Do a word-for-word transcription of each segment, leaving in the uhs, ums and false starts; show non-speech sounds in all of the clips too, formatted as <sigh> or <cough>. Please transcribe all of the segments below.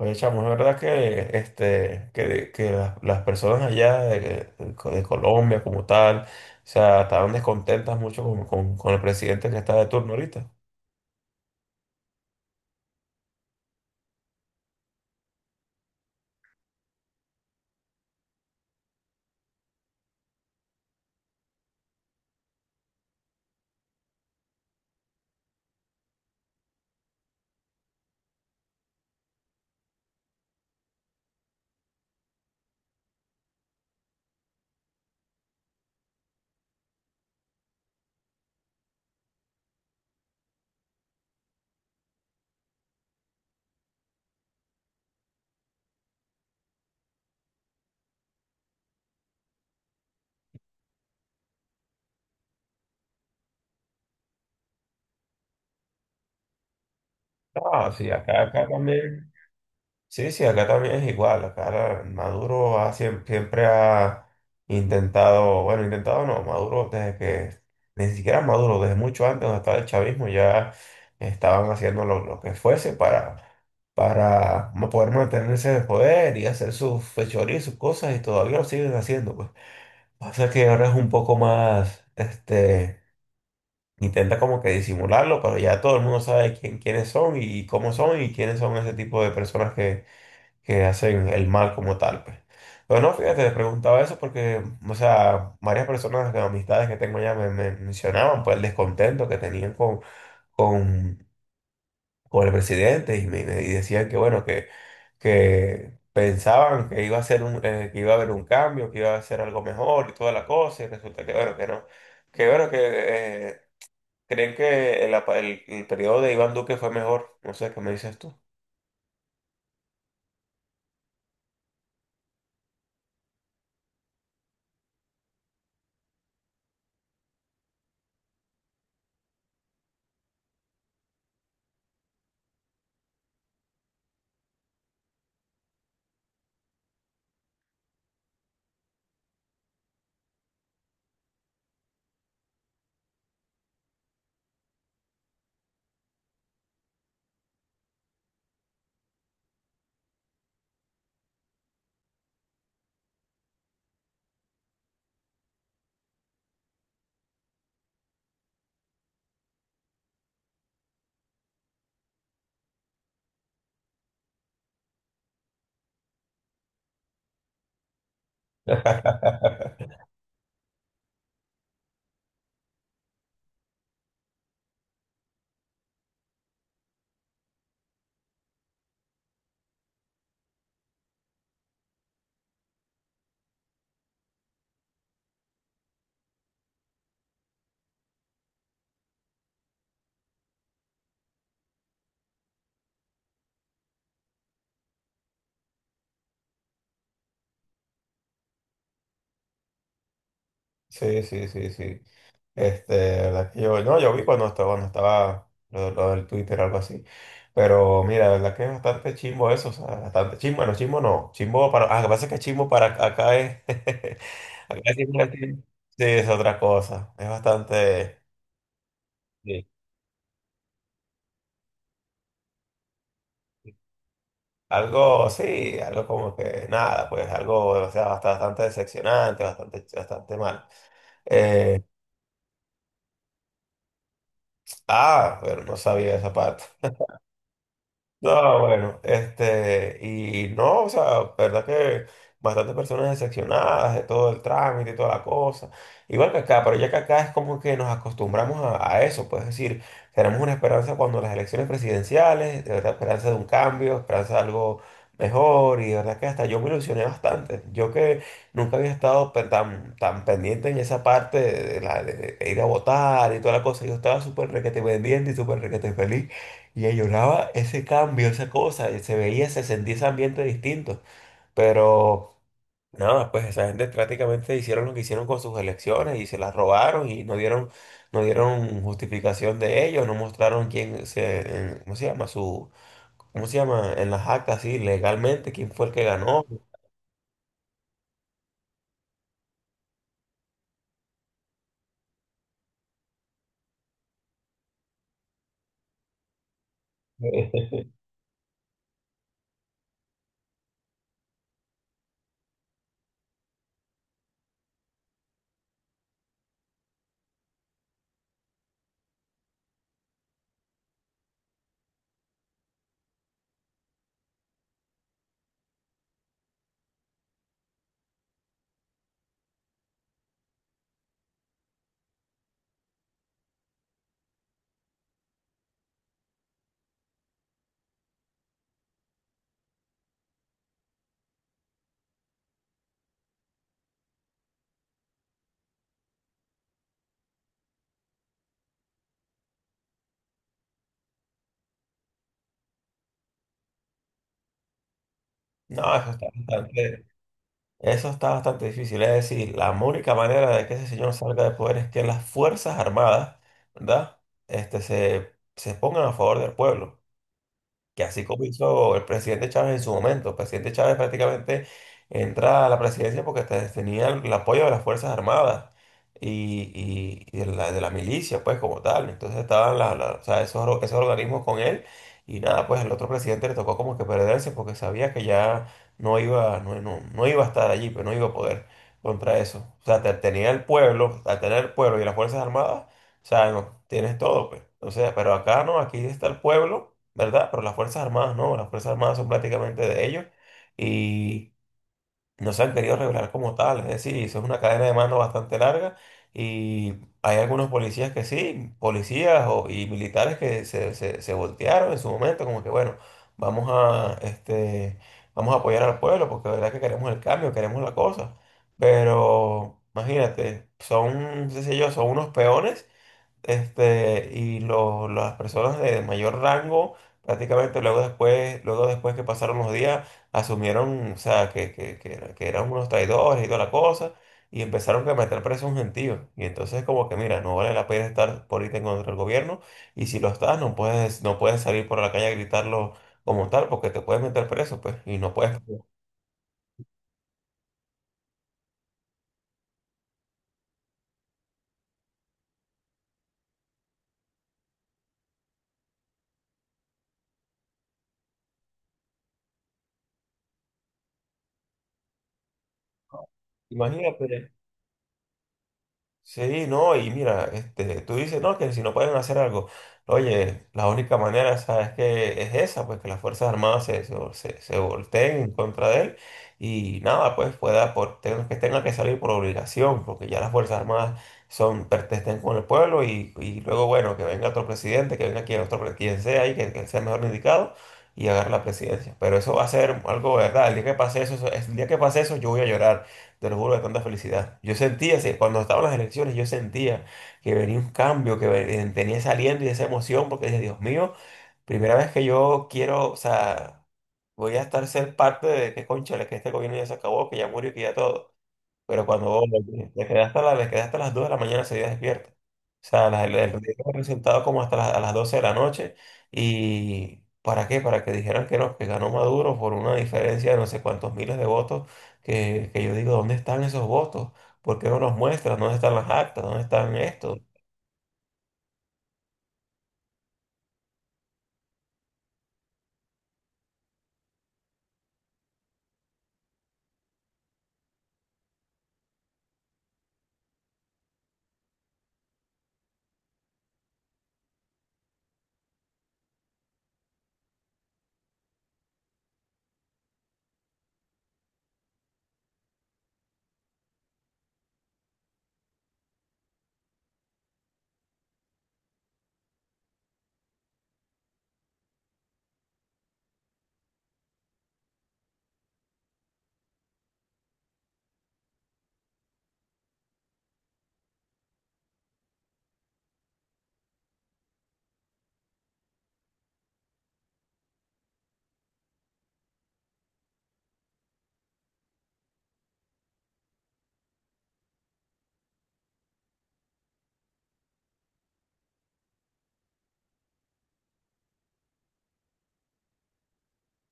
Oye, chamo, no es verdad que, este, que, que las, las personas allá de, de de Colombia como tal, o sea, estaban descontentas mucho con, con- con el presidente que está de turno ahorita. Ah, sí, acá, acá también. Sí, sí, acá también es igual. Acá Maduro ha, siem- siempre ha intentado, bueno, intentado no, Maduro desde que, ni siquiera Maduro, desde mucho antes donde estaba el chavismo, ya estaban haciendo lo, lo que fuese para, para mo- poder mantenerse de poder y hacer sus fechorías, sus cosas, y todavía lo siguen haciendo, pues. Pasa que ahora es un poco más, este, intenta como que disimularlo, pero ya todo el mundo sabe quién, quiénes son y cómo son y quiénes son ese tipo de personas que hacen el mal como tal, pues. Pero no, fíjate, te preguntaba eso porque, o sea, varias personas, de amistades que tengo ya me, me mencionaban, pues, el descontento que tenían con, con, con el presidente y me me- y decían que, bueno, que, que pensaban que iba a ser un, eh, que iba a haber un cambio, que iba a ser algo mejor y toda la cosa, y resulta que, bueno, que no. Que, bueno, que eh, creen que el, apa- el, el periodo de Iván Duque fue mejor. No sé, ¿qué me dices tú? <laughs> Sí, sí, sí, sí. Este, la verdad que yo, no, yo vi cuando estaba, cuando estaba lo, lo del Twitter o algo así. Pero mira, la verdad que es bastante chimbo eso, o sea, bastante chimbo, bueno, chimbo no, chimbo para, ah, lo que pasa es que chimbo para acá acá es, <laughs> acá es chimbo es, chimbo. Sí, es otra cosa, es bastante, sí, algo, sí, algo como que nada, pues algo, o sea, basta- bastante decepcionante, bastante, bastante mal. Eh, ah, pero no sabía esa parte. No, bueno, este, y no, o sea, verdad que bastantes personas decepcionadas de todo el trámite y toda la cosa. Igual que acá, pero ya que acá es como que nos acostumbramos a, a eso, pues es decir, tenemos una esperanza cuando las elecciones presidenciales, de verdad, esperanza de un cambio, esperanza de algo mejor, y de verdad que hasta yo me ilusioné bastante. Yo que nunca había estado pe- tan, tan pendiente en esa parte de, la, de- de ir a votar y toda la cosa, yo estaba súper requete pendiente y súper requete feliz. Y ella lloraba ese cambio, esa cosa, y se veía, se sentía ese ambiente distinto. Pero nada, pues esa gente prácticamente hicieron lo que hicieron con sus elecciones y se las robaron y no dieron, no dieron justificación de ello, no mostraron quién se, en- ¿cómo se llama? Su, ¿cómo se llama? En las actas, sí, legalmente, quién fue el que ganó. <laughs> No, eso está bastante. Eso está bastante difícil. Es decir, la única manera de que ese señor salga de poder es que las Fuerzas Armadas, ¿verdad? Este, se, se pongan a favor del pueblo que así como hizo el presidente Chávez en su momento. El presidente Chávez prácticamente entra a la presidencia porque te- tenía el apoyo de las Fuerzas Armadas y, y- y de la, de la milicia, pues como tal. Entonces estaban la- la- o sea, esos, or- esos organismos con él y nada, pues al otro presidente le tocó como que perderse porque sabía que ya no iba, no, no- no iba a estar allí, pero no iba a poder contra eso. O sea, te- tenía el pueblo, al tener el pueblo y las Fuerzas Armadas. O sea, no, tienes todo, pues. O sea, pero acá no, aquí está el pueblo, ¿verdad? Pero las Fuerzas Armadas no, las Fuerzas Armadas son prácticamente de ellos y no se han querido revelar como tal. Es decir, eso es una cadena de mando bastante larga y hay algunos policías que sí, policías o- y militares que se, se, se voltearon en su momento, como que bueno, vamos a, este, vamos a apoyar al pueblo porque la verdad que queremos el cambio, queremos la cosa. Pero imagínate, son, qué sé yo, son unos peones, este, y los- las personas de mayor rango, prácticamente luego después, luego después que pasaron los días, asumieron, o sea, que, que, que, era- que eran unos traidores y toda la cosa, y empezaron a meter preso a un gentío. Y entonces como que, mira, no vale la pena estar por ahorita en contra del gobierno, y si lo estás, no puedes, no puedes salir por la calle a gritarlo como tal, porque te puedes meter preso, pues, y no puedes... Imagínate. Sí, no, y mira, este, tú dices, no, que si no pueden hacer algo, oye, la única manera, ¿sabes que es esa? Pues que las Fuerzas Armadas se, se, se- se volteen en contra de él y nada, pues pueda, por, tenga- que tenga que salir por obligación, porque ya las Fuerzas Armadas son, pertenecen con el pueblo y, y luego, bueno, que venga otro presidente, que venga quien, otro, pre- quien sea y que, que sea mejor indicado y agarre la presidencia. Pero eso va a ser algo, ¿verdad? El día que pase eso, eso- el día que pase eso, yo voy a llorar. Te lo juro de tanta felicidad. Yo sentía, se- cuando estaban las elecciones, yo sentía que venía un cambio, que ven- tenía ese y esa emoción, porque dije, Dios mío, primera vez que yo quiero, o sea, voy a estar ser parte de que, cónchale, que este gobierno ya se acabó, que ya murió, que ya todo. Pero cuando vos te quedaste hasta, la- le quedé hasta las dos de la mañana, seguía despierto. O sea, las- el, el proyecto fue como hasta las, a las doce de la noche. ¿Y para qué? Para que dijeran que no, que ganó Maduro por una diferencia de no sé cuántos miles de votos, que, que yo digo, ¿dónde están esos votos? ¿Por qué no los muestran? ¿Dónde están las actas? ¿Dónde están estos?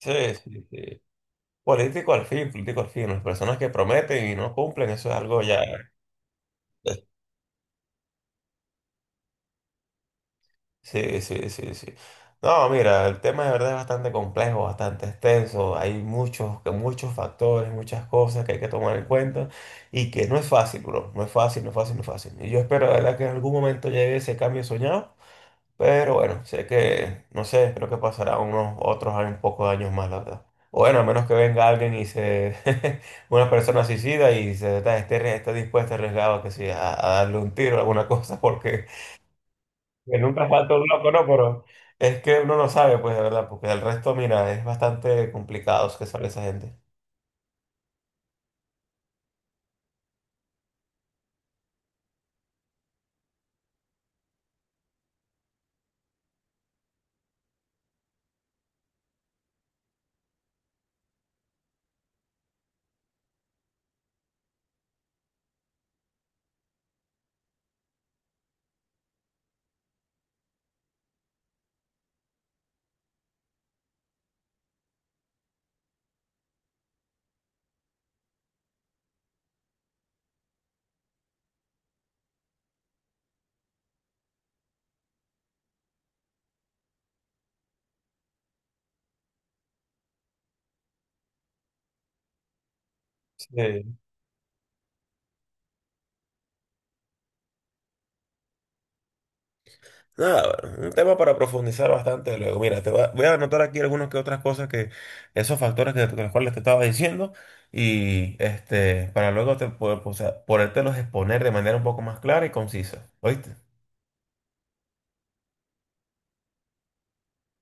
Sí, sí, sí. Político al fin, político al fin. Las personas que prometen y no cumplen, eso es algo ya. Sí, sí, sí, sí. No, mira, el tema de verdad es bastante complejo, bastante extenso. Hay muchos, que- muchos factores, muchas cosas que hay que tomar en cuenta y que no es fácil, bro. No es fácil, no es fácil, no es fácil. Y yo espero, de verdad, que en algún momento llegue ese cambio soñado. Pero bueno, sé que, no sé, creo que pasará unos otros años, un poco de años más, la verdad. O bueno, a menos que venga alguien y se, <laughs> una persona suicida y se está- esté, re- esté dispuesta a arriesgar, que sí, a, a darle un tiro o alguna cosa, porque que nunca falta un loco, ¿no? Pero es que uno no sabe, pues, de verdad, porque el resto, mira, es bastante complicado que sale esa gente. Sí. Nada, bueno, un tema para profundizar bastante luego. Mira, te va- voy a anotar aquí algunas que otras cosas que, esos factores que, de los cuales te estaba diciendo, y este, para luego te poder, o sea, podértelos exponer de manera un poco más clara y concisa. ¿Oíste?